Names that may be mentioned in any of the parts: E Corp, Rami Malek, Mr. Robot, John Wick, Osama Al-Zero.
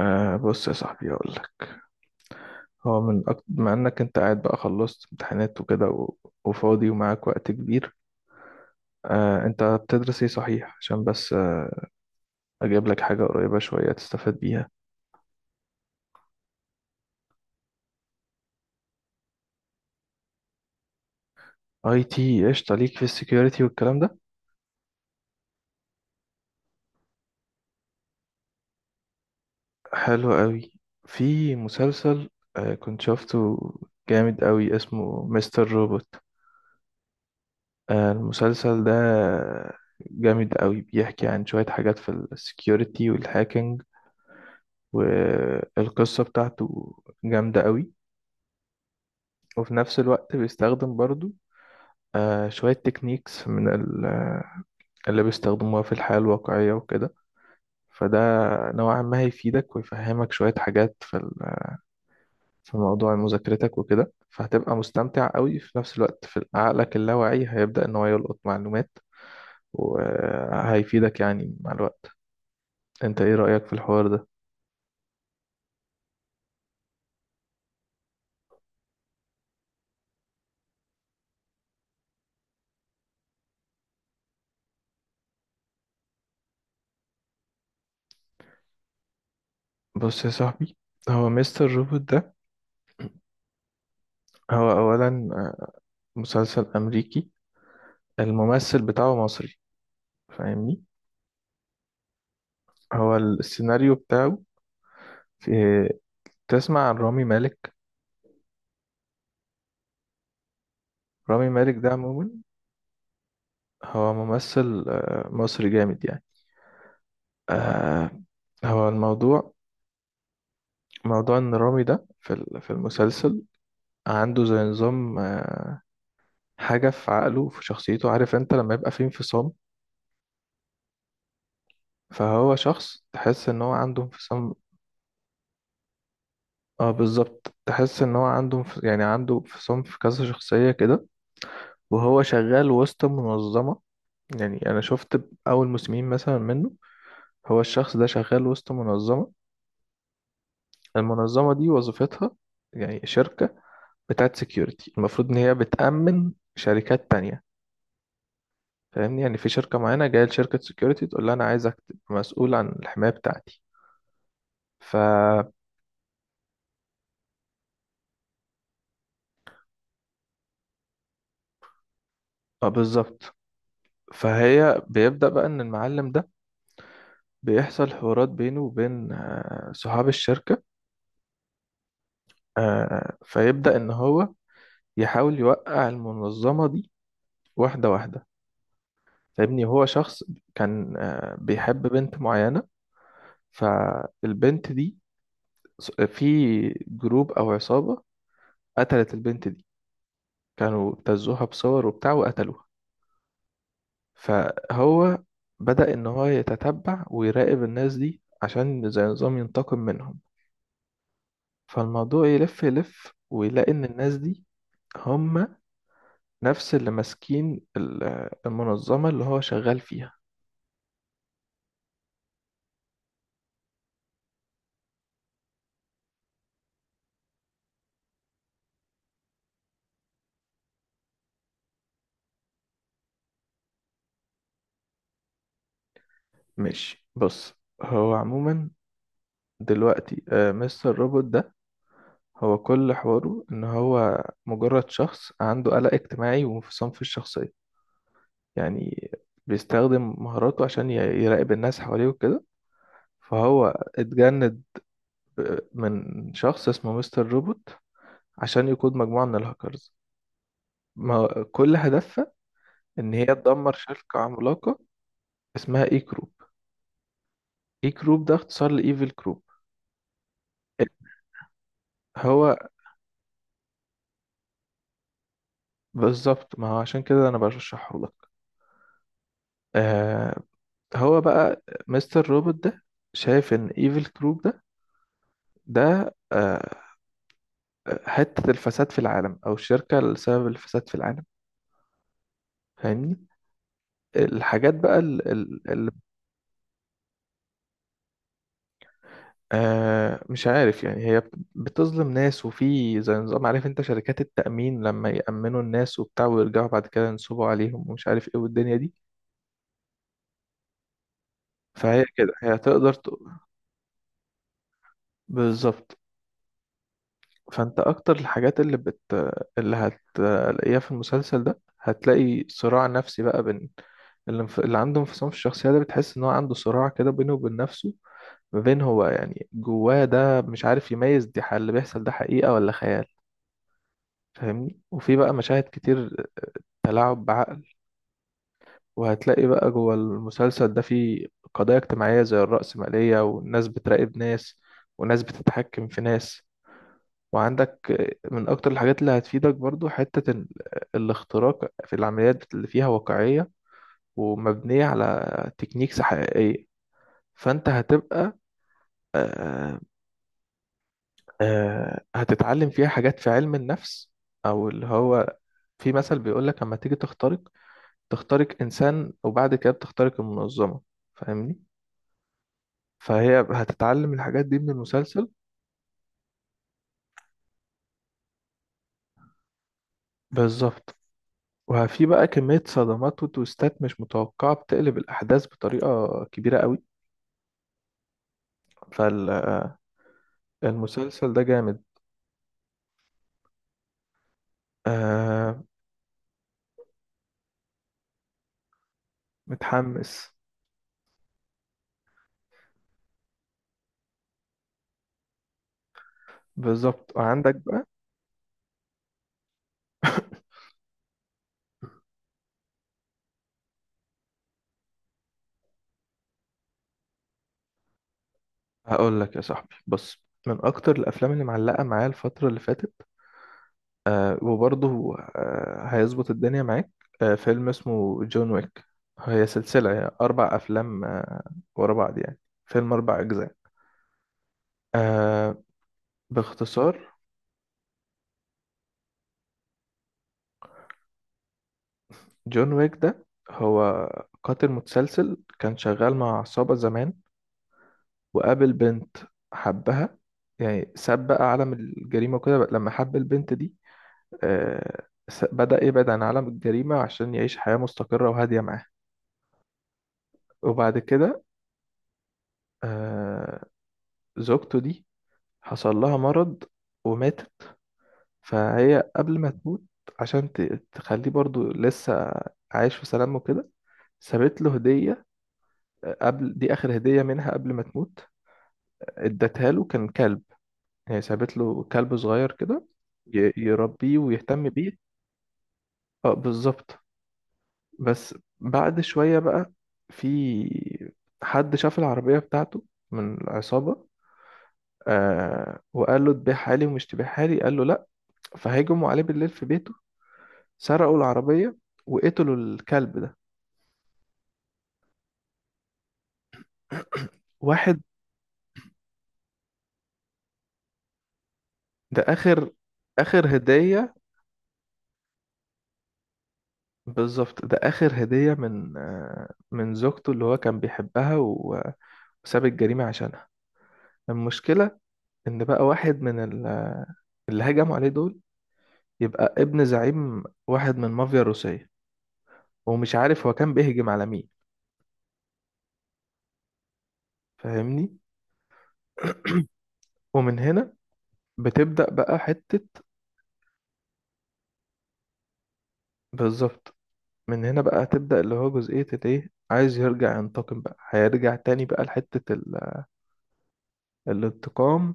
بص يا صاحبي، هقول لك. هو من أكتر مع انك انت قاعد بقى، خلصت امتحانات وكده وفاضي ومعاك وقت كبير. انت بتدرس ايه صحيح؟ عشان بس اجيب لك حاجة قريبة شوية تستفاد بيها. IT، قشطة. ليك في السكيورتي والكلام ده. حلو قوي. في مسلسل كنت شفته جامد قوي، اسمه مستر روبوت. المسلسل ده جامد قوي، بيحكي عن شوية حاجات في السكيورتي والهاكينج، والقصة بتاعته جامدة قوي. وفي نفس الوقت بيستخدم برضو شوية تكنيكس من اللي بيستخدموها في الحياة الواقعية وكده. فده نوعا ما هيفيدك ويفهمك شوية حاجات في موضوع مذاكرتك وكده، فهتبقى مستمتع قوي. في نفس الوقت في عقلك اللاواعي هيبدأ إن هو يلقط معلومات، وهيفيدك يعني مع الوقت. انت ايه رأيك في الحوار ده؟ بص يا صاحبي، هو مستر روبوت ده، هو أولا مسلسل أمريكي، الممثل بتاعه مصري، فاهمني؟ هو السيناريو بتاعه، في، تسمع عن رامي مالك؟ رامي مالك ده عموما هو ممثل مصري جامد يعني. آه، هو الموضوع، موضوع ان رامي ده في المسلسل عنده زي نظام، حاجة في عقله في شخصيته، عارف انت لما يبقى فيه انفصام؟ فهو شخص تحس ان هو عنده انفصام. اه بالظبط، تحس ان هو عنده يعني عنده انفصام في كذا شخصية كده. وهو شغال وسط منظمة. يعني أنا شفت أول مسلمين مثلا منه، هو الشخص ده شغال وسط منظمة، المنظمة دي وظيفتها، يعني شركة بتاعت سكيورتي، المفروض إن هي بتأمن شركات تانية. فاهمني؟ يعني في شركة معينة جاية لشركة سكيورتي تقول لها أنا عايزك تبقى مسؤول عن الحماية بتاعتي. ف آه بالظبط. فهي بيبدأ بقى إن المعلم ده بيحصل حوارات بينه وبين صحاب الشركة. فيبدأ إن هو يحاول يوقع المنظمة دي واحدة واحدة. فاهمني؟ هو شخص كان بيحب بنت معينة. فالبنت دي، في جروب أو عصابة، قتلت البنت دي. كانوا ابتزوها بصور وبتاع وقتلوها. فهو بدأ إن هو يتتبع ويراقب الناس دي عشان زي نظام ينتقم منهم. فالموضوع يلف يلف، ويلاقي إن الناس دي هم نفس اللي ماسكين المنظمة اللي هو شغال فيها. ماشي، بص. هو عموما دلوقتي مستر روبوت ده، هو كل حواره ان هو مجرد شخص عنده قلق اجتماعي وانفصام في الشخصية. يعني بيستخدم مهاراته عشان يراقب الناس حواليه وكده. فهو اتجند من شخص اسمه مستر روبوت، عشان يقود مجموعة من الهاكرز ما كل هدفها ان هي تدمر شركة عملاقة اسمها اي كروب. اي كروب ده اختصار لايفل كروب. هو بالظبط، ما هو عشان كده انا بشرحه لك. آه هو بقى مستر روبوت ده شايف ان ايفل كروب ده، ده آه حتة الفساد في العالم، او الشركة اللي سبب الفساد في العالم. فاهمني؟ الحاجات بقى اللي مش عارف يعني، هي بتظلم ناس. وفي زي نظام، عارف انت شركات التأمين لما يأمنوا الناس وبتاع ويرجعوا بعد كده ينصبوا عليهم ومش عارف ايه والدنيا دي. فهي كده هي تقدر بالظبط. فانت اكتر الحاجات اللي هتلاقيها في المسلسل ده، هتلاقي صراع نفسي بقى بين اللي عنده انفصام في الشخصية ده. بتحس ان هو عنده صراع كده بينه وبين نفسه، ما بين هو يعني جواه ده مش عارف يميز دي، اللي بيحصل ده حقيقة ولا خيال. فاهمني؟ وفي بقى مشاهد كتير تلاعب بعقل. وهتلاقي بقى جوه المسلسل ده في قضايا اجتماعية زي الرأسمالية، والناس بتراقب ناس، وناس بتتحكم في ناس. وعندك من أكتر الحاجات اللي هتفيدك برضو حتة الاختراق في العمليات اللي فيها واقعية ومبنية على تكنيكس حقيقية. فأنت هتبقى آه، هتتعلم فيها حاجات في علم النفس. أو اللي هو في مثل بيقولك لما تيجي تخترق، تخترق إنسان وبعد كده بتخترق المنظمة. فاهمني؟ فهي هتتعلم الحاجات دي من المسلسل. بالظبط. وفي بقى كمية صدمات وتويستات مش متوقعة بتقلب الأحداث بطريقة كبيرة قوي. فالمسلسل ده جامد. آه متحمس، بالظبط. عندك بقى، هقول لك يا صاحبي، بص، من اكتر الافلام اللي معلقه معايا الفتره اللي فاتت، وبرضه هيظبط الدنيا معاك. فيلم اسمه جون ويك. هي سلسله يعني اربع افلام ورا بعض يعني. فيلم اربع اجزاء. آه باختصار، جون ويك ده هو قاتل متسلسل كان شغال مع عصابه زمان، وقابل بنت حبها. يعني ساب بقى عالم الجريمة وكده بقى لما حب البنت دي. بدأ يبعد عن عالم الجريمة عشان يعيش حياة مستقرة وهادية معاها. وبعد كده آه، زوجته دي حصل لها مرض وماتت. فهي قبل ما تموت، عشان تخليه برضو لسه عايش في سلام وكده، سابت له هدية. قبل دي آخر هدية منها قبل ما تموت. ادتها له، كان كلب، هي سابت له كلب صغير كده يربيه ويهتم بيه. اه بالظبط. بس بعد شوية بقى، في حد شاف العربية بتاعته من العصابة، وقال له تبيعها لي ومش تبيعها لي، قال له لا. فهجموا عليه بالليل في بيته، سرقوا العربية، وقتلوا الكلب ده. واحد، ده آخر هدية. بالظبط، ده آخر هدية من من زوجته اللي هو كان بيحبها، و- وساب الجريمة عشانها. المشكلة ان بقى واحد من اللي هجموا عليه دول يبقى ابن زعيم واحد من المافيا الروسية، ومش عارف هو كان بيهجم على مين. فاهمني؟ ومن هنا بتبدأ بقى حتة، بالظبط. من هنا بقى هتبدأ اللي هو جزئية الايه، عايز يرجع ينتقم بقى، هيرجع تاني بقى لحتة الانتقام.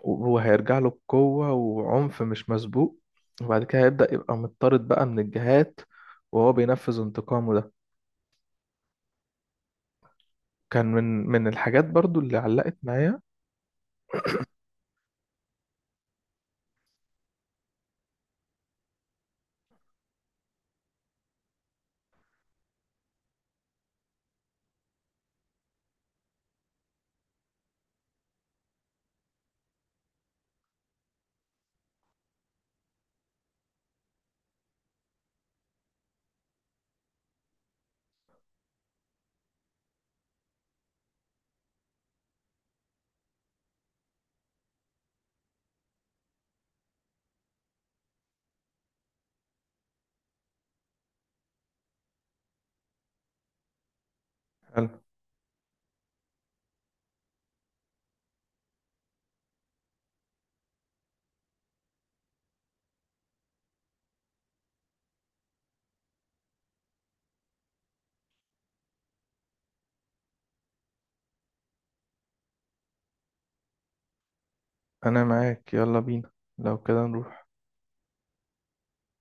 وهو هيرجع له بقوة وعنف مش مسبوق. وبعد كده هيبدأ يبقى مضطرد بقى من الجهات وهو بينفذ انتقامه ده. كان من الحاجات برضو اللي علقت معايا. انا معاك، يلا بينا. لو كده نروح.